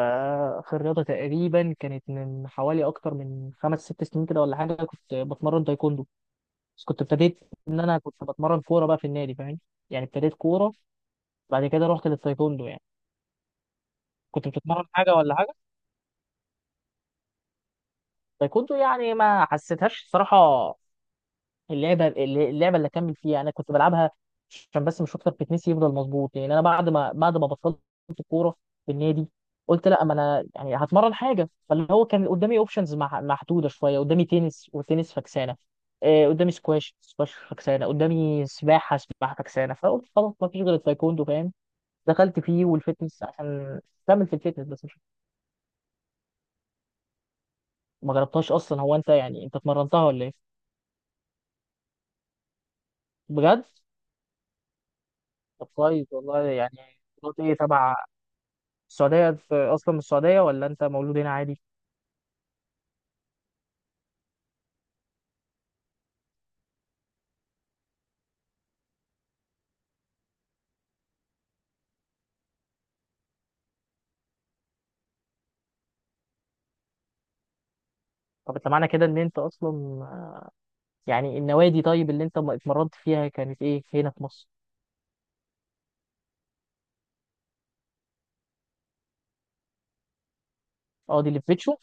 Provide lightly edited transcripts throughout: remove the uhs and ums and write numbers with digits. آه، في الرياضة تقريبا كانت من حوالي أكتر من خمس ست سنين كده ولا حاجة. كنت بتمرن تايكوندو بس كنت ابتديت إن أنا كنت بتمرن كورة بقى في النادي، فاهم؟ يعني ابتديت كورة، بعد كده رحت للتايكوندو يعني. كنت بتتمرن حاجة ولا حاجة؟ تايكوندو يعني ما حسيتهاش الصراحة. اللعبه اللي اكمل فيها انا كنت بلعبها عشان بس، مش اكتر بتنسي يفضل مظبوط. يعني انا بعد ما بطلت الكوره في النادي، قلت لا، ما انا يعني هتمرن حاجه. فاللي هو كان قدامي اوبشنز محدوده شويه، قدامي تنس وتنس فكسانه، قدامي سكواش سكواش فكسانه، قدامي سباحه سباحه فكسانه، فقلت خلاص ما فيش غير التايكوندو، فاهم؟ دخلت فيه والفتنس عشان كمل في الفتنس بس مش. ما جربتهاش اصلا. هو انت يعني انت اتمرنتها ولا ايه؟ بجد؟ طب كويس والله يعني. قلت ايه تبع السعودية؟ أنت أصلا من السعودية ولا أنت مولود هنا عادي؟ طب أنت معنى كده إن أنت أصلا يعني النوادي، طيب اللي أنت اتمرنت فيها كانت إيه هنا في مصر؟ أه دي اللي في بيتشو؟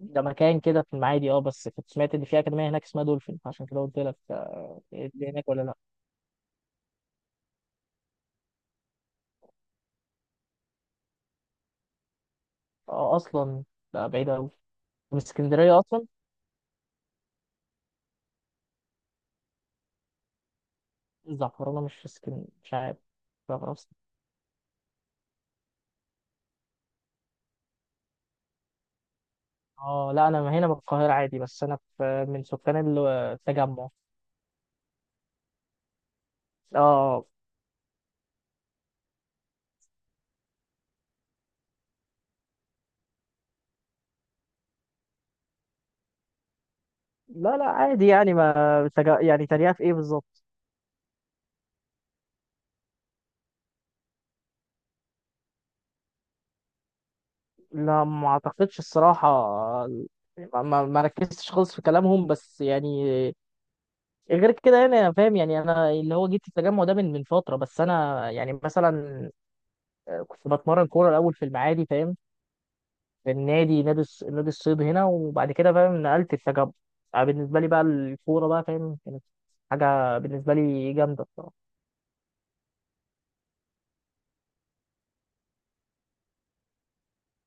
ده مكان كده في المعادي. أه بس كنت سمعت إن في أكاديمية هناك اسمها دولفين، عشان كده قلت لك اللي هناك ولا لأ؟ أه أصلا؟ لا بعيدة أوي. من اسكندرية أصلا؟ الزعفرانة مش في اسكندرية، مش عارف. الزعفرانة في اسكندرية. أه، لا أنا هنا من القاهرة عادي، بس أنا في من سكان التجمع. أه. لا لا عادي يعني ما. يعني تريقة في إيه بالظبط؟ لا ما اعتقدش الصراحة. يعني ما ركزتش خالص في كلامهم، بس يعني غير كده. يعني انا فاهم، يعني انا اللي هو جيت التجمع ده من فترة، بس انا يعني مثلا كنت بتمرن كورة الاول في المعادي، فاهم؟ في النادي، نادي الصيد هنا، وبعد كده فاهم نقلت التجمع. بالنسبة لي بقى الكورة بقى، فاهم، كانت حاجة بالنسبة لي جامدة الصراحة.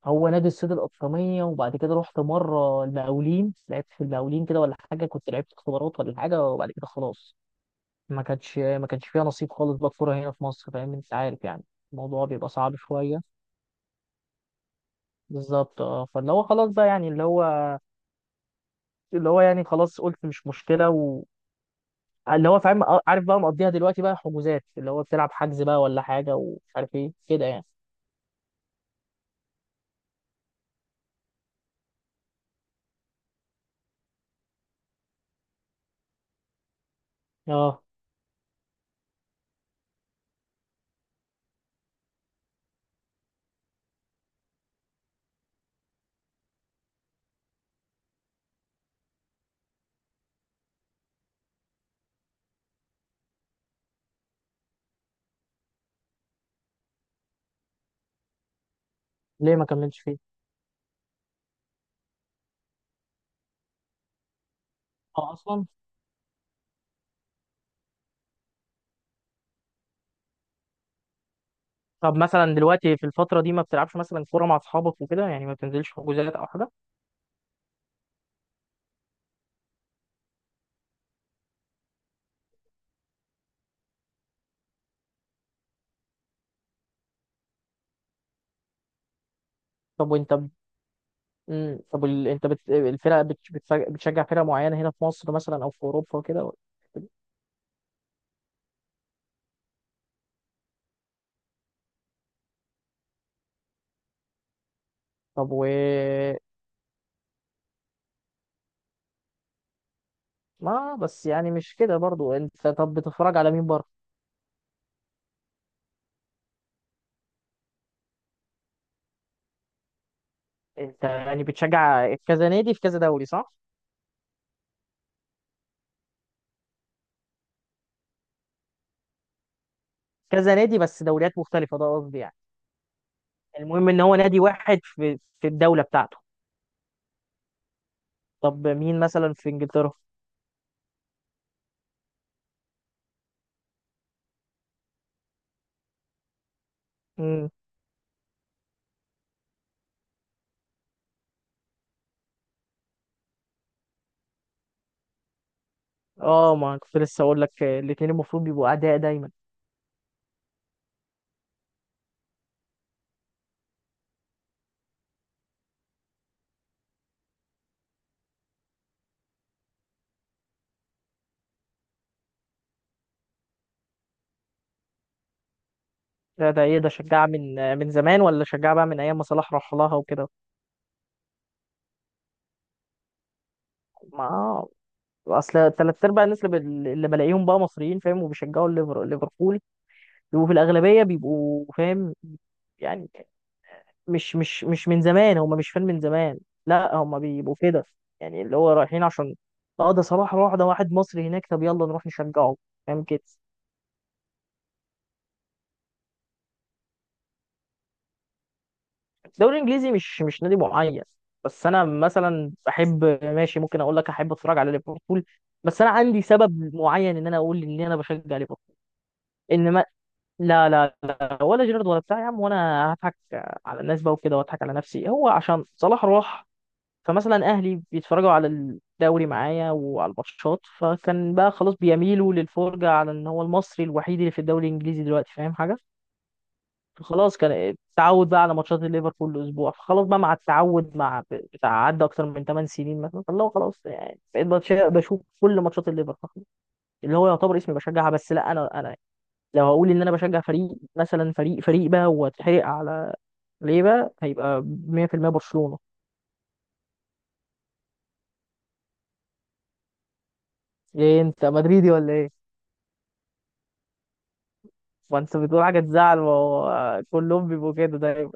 هو نادي الصيد الأطرمية، وبعد كده رحت مرة المقاولين، لعبت في المقاولين كده ولا حاجة، كنت لعبت اختبارات ولا حاجة، وبعد كده خلاص. ما كانش فيها نصيب خالص بقى الكوره هنا في مصر، فاهم، انت عارف يعني، الموضوع بيبقى صعب شويه. بالظبط اه، فاللي هو خلاص بقى يعني اللي هو يعني خلاص قلت مش مشكله، و اللي هو فاهم، عارف بقى مقضيها دلوقتي بقى حجوزات، اللي هو بتلعب حجز بقى ولا حاجه ومش عارف ايه كده يعني. اه. ليه ما كملتش فيه؟ اه اصلا. طب مثلا دلوقتي في الفتره دي، ما بتلعبش مثلا كوره مع اصحابك وكده يعني؟ ما بتنزلش حجوزات او حاجه؟ طب وانت ب... طب وال- انت بت... الفرق بت... بتف- بتشجع فرق معينه هنا في مصر مثلا او في اوروبا وكده؟ طب و. ما بس يعني مش كده برضو. انت طب بتتفرج على مين بره؟ انت يعني بتشجع كذا نادي في كذا دوري، صح؟ كذا نادي بس دوريات مختلفة، ده قصدي يعني. المهم ان هو نادي واحد في في الدولة بتاعته. طب مين مثلا في انجلترا؟ امم. اه، ما كنت لسه اقول لك الاتنين المفروض بيبقوا اعداء دايما. ده ده ايه، ده شجع من من زمان ولا شجع بقى من ايام ما صلاح راح لها وكده؟ ما اصل تلات ارباع الناس اللي بلاقيهم بقى مصريين، فاهم، وبيشجعوا ليفربول، وفي الأغلبية بيبقوا فاهم يعني. مش من زمان، هم مش فان من زمان، لا هم بيبقوا كده، يعني اللي هو رايحين عشان اه ده صلاح راح، ده واحد مصري هناك، طب يلا نروح نشجعه، فاهم كده. الدوري الانجليزي مش نادي معين، بس انا مثلا بحب ماشي، ممكن اقول لك احب اتفرج على ليفربول، بس انا عندي سبب معين ان انا اقول ان انا بشجع ليفربول. انما لا لا لا، ولا جيرارد ولا بتاع يا عم، وانا هضحك على الناس بقى وكده واضحك على نفسي. هو عشان صلاح راح، فمثلا اهلي بيتفرجوا على الدوري معايا وعلى الماتشات، فكان بقى خلاص بيميلوا للفرجه على ان هو المصري الوحيد اللي في الدوري الانجليزي دلوقتي، فاهم حاجه؟ فخلاص، كان التعود بقى على ماتشات الليفر كل اسبوع، فخلاص بقى مع التعود مع بتاع، عدى اكتر من 8 سنين مثلا، فاللي هو خلاص يعني بقيت بشوف كل ماتشات الليفر فخلاص، اللي هو يعتبر اسمي بشجعها. بس لا انا لو هقول ان انا بشجع فريق، مثلا فريق بقى واتحرق على ليه بقى، هيبقى 100% برشلونه. ايه، انت مدريدي ولا ايه؟ ما انت بتقول حاجة تزعل، ما هو كلهم بيبقوا كده دايما.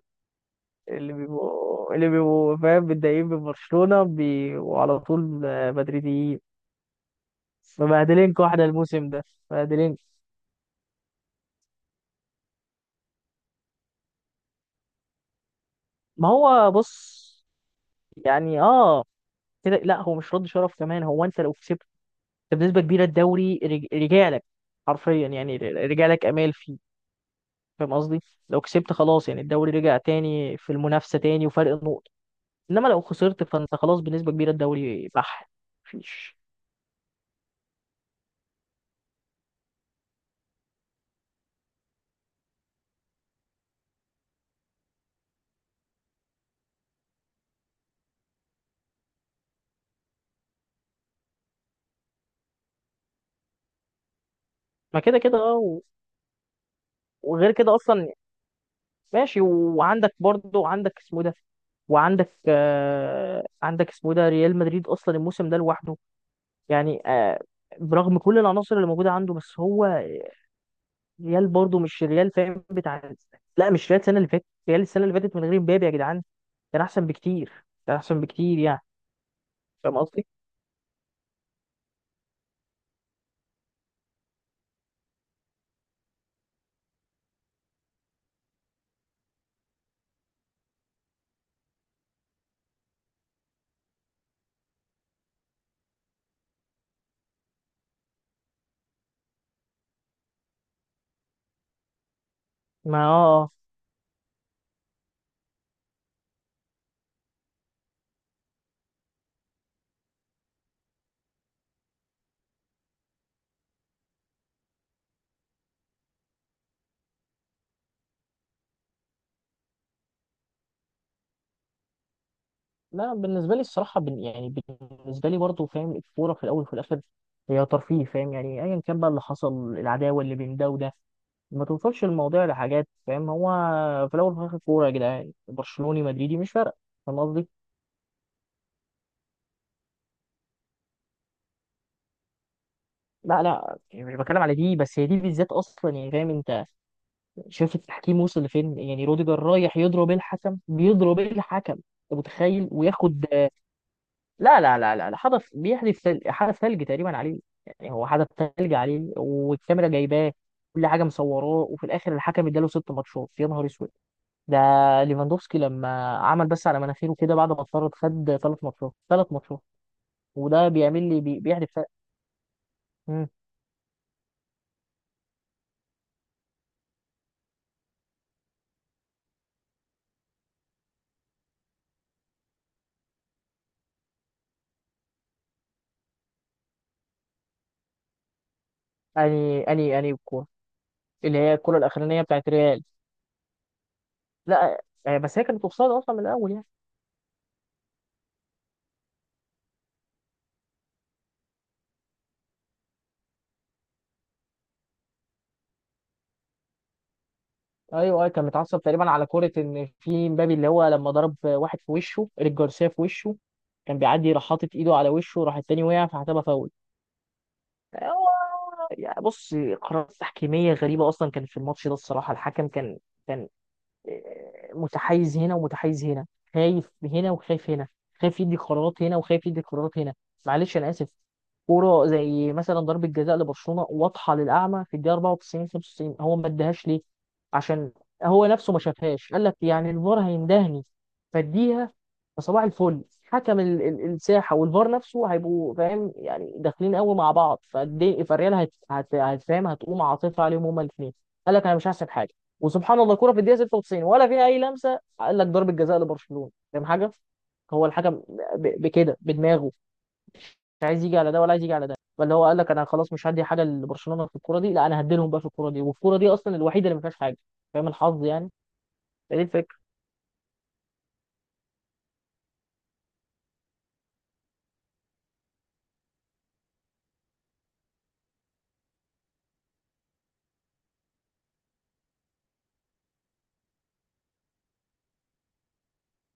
اللي بيبقوا فاهم متضايقين من برشلونة، بيبقوا على طول مدريديين. مبهدلينكوا احنا الموسم ده، مبهدلين. ما هو بص. يعني اه كده، لا هو مش رد شرف كمان. هو انت لو كسبت، انت بنسبه كبيره الدوري رجع لك، حرفيا يعني رجع لك، امال فيه؟ فاهم قصدي؟ لو كسبت خلاص، يعني الدوري رجع تاني في المنافسه تاني وفرق نقط. انما لو خسرت فانت خلاص بنسبه كبيره الدوري بح، مفيش. ما كده كده اه و-، وغير كده اصلا ماشي. وعندك برضه، عندك اسمه ده، وعندك آه، عندك اسمه ده ريال مدريد اصلا الموسم ده لوحده يعني آه، برغم كل العناصر اللي موجوده عنده، بس هو ريال برضه مش الريال، فاهم بتاع. لا، مش ريال السنه اللي فاتت، ريال السنه اللي فاتت من غير مبابي يا جدعان كان احسن بكتير، كان احسن بكتير يعني. فاهم قصدي؟ ما اه آه. لا بالنسبه لي الصراحه، بن يعني، بالنسبه لي برضه فاهم الكوره في الاول وفي الاخر هي ترفيه، فاهم يعني، ايا كان بقى اللي حصل، العداوه اللي بين ده وده ما توصلش الموضوع لحاجات، فاهم. هو في الاول وفي الاخر كوره يا جدعان، برشلوني مدريدي مش فارقه. فاهم قصدي؟ لا لا يعني مش بتكلم على دي، بس هي دي بالذات اصلا، يعني فاهم انت شايف التحكيم وصل لفين يعني، روديجر رايح يضرب الحكم، بيضرب الحكم، انت متخيل، وياخد. لا لا لا لا لا، حدث بيحدث حدث ثلج تقريبا عليه، يعني هو حدث ثلج عليه، والكاميرا جايباه، كل حاجه مصوراه، وفي الاخر الحكم اداله ست ماتشات، يا نهار اسود ده. ليفاندوفسكي لما عمل بس على مناخيره كده بعد ما اتطرد، خد ثلاث ماتشات، ثلاث ماتشات. وده بيعمل لي بيحدث ثلج. مم. اني الكوره اللي هي الكوره الاخرانيه بتاعت ريال، لا، بس هي كانت اوفسايد اصلا من الاول يعني. ايوه ايوه، كان متعصب تقريبا على كوره ان في مبابي اللي هو لما ضرب واحد في وشه، ايريك جارسيا في وشه، كان بيعدي، راح حاطط ايده على وشه، راح التاني وقع فحسبها فاول. هو يعني بص، قرارات تحكيميه غريبه اصلا كان في الماتش ده الصراحه. الحكم كان، كان متحيز هنا ومتحيز هنا، خايف هنا وخايف هنا، خايف يدي قرارات هنا وخايف يدي قرارات هنا. معلش انا اسف. كوره زي مثلا ضربه جزاء لبرشلونه واضحه للاعمى في الدقيقه 94 95، هو ما اداهاش ليه؟ عشان هو نفسه ما شافهاش، قال لك يعني الفار هيندهني، فاديها. فصباح الفل، حكم الساحه والفار نفسه هيبقوا فاهم يعني داخلين قوي مع بعض، فالريال هتفهم، هتقوم عاطفه عليهم هما الاثنين، قال لك انا مش هحسب حاجه. وسبحان الله، الكوره في الدقيقه 96 ولا فيها اي لمسه، قال لك ضربه جزاء لبرشلونه، فاهم حاجه؟ هو الحكم بكده بدماغه مش عايز يجي على ده ولا عايز يجي على ده، فاللي هو قال لك انا خلاص مش هدي حاجه لبرشلونه في الكوره دي، لا انا هديلهم بقى في الكوره دي، والكوره دي اصلا الوحيده اللي ما فيهاش حاجه، فاهم الحظ يعني. فدي الفكره.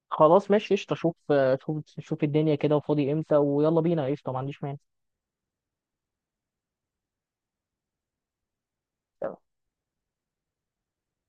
خلاص ماشي قشطه، شوف شوف شوف الدنيا كده وفاضي امتى ويلا بينا، قشطه ما عنديش مانع.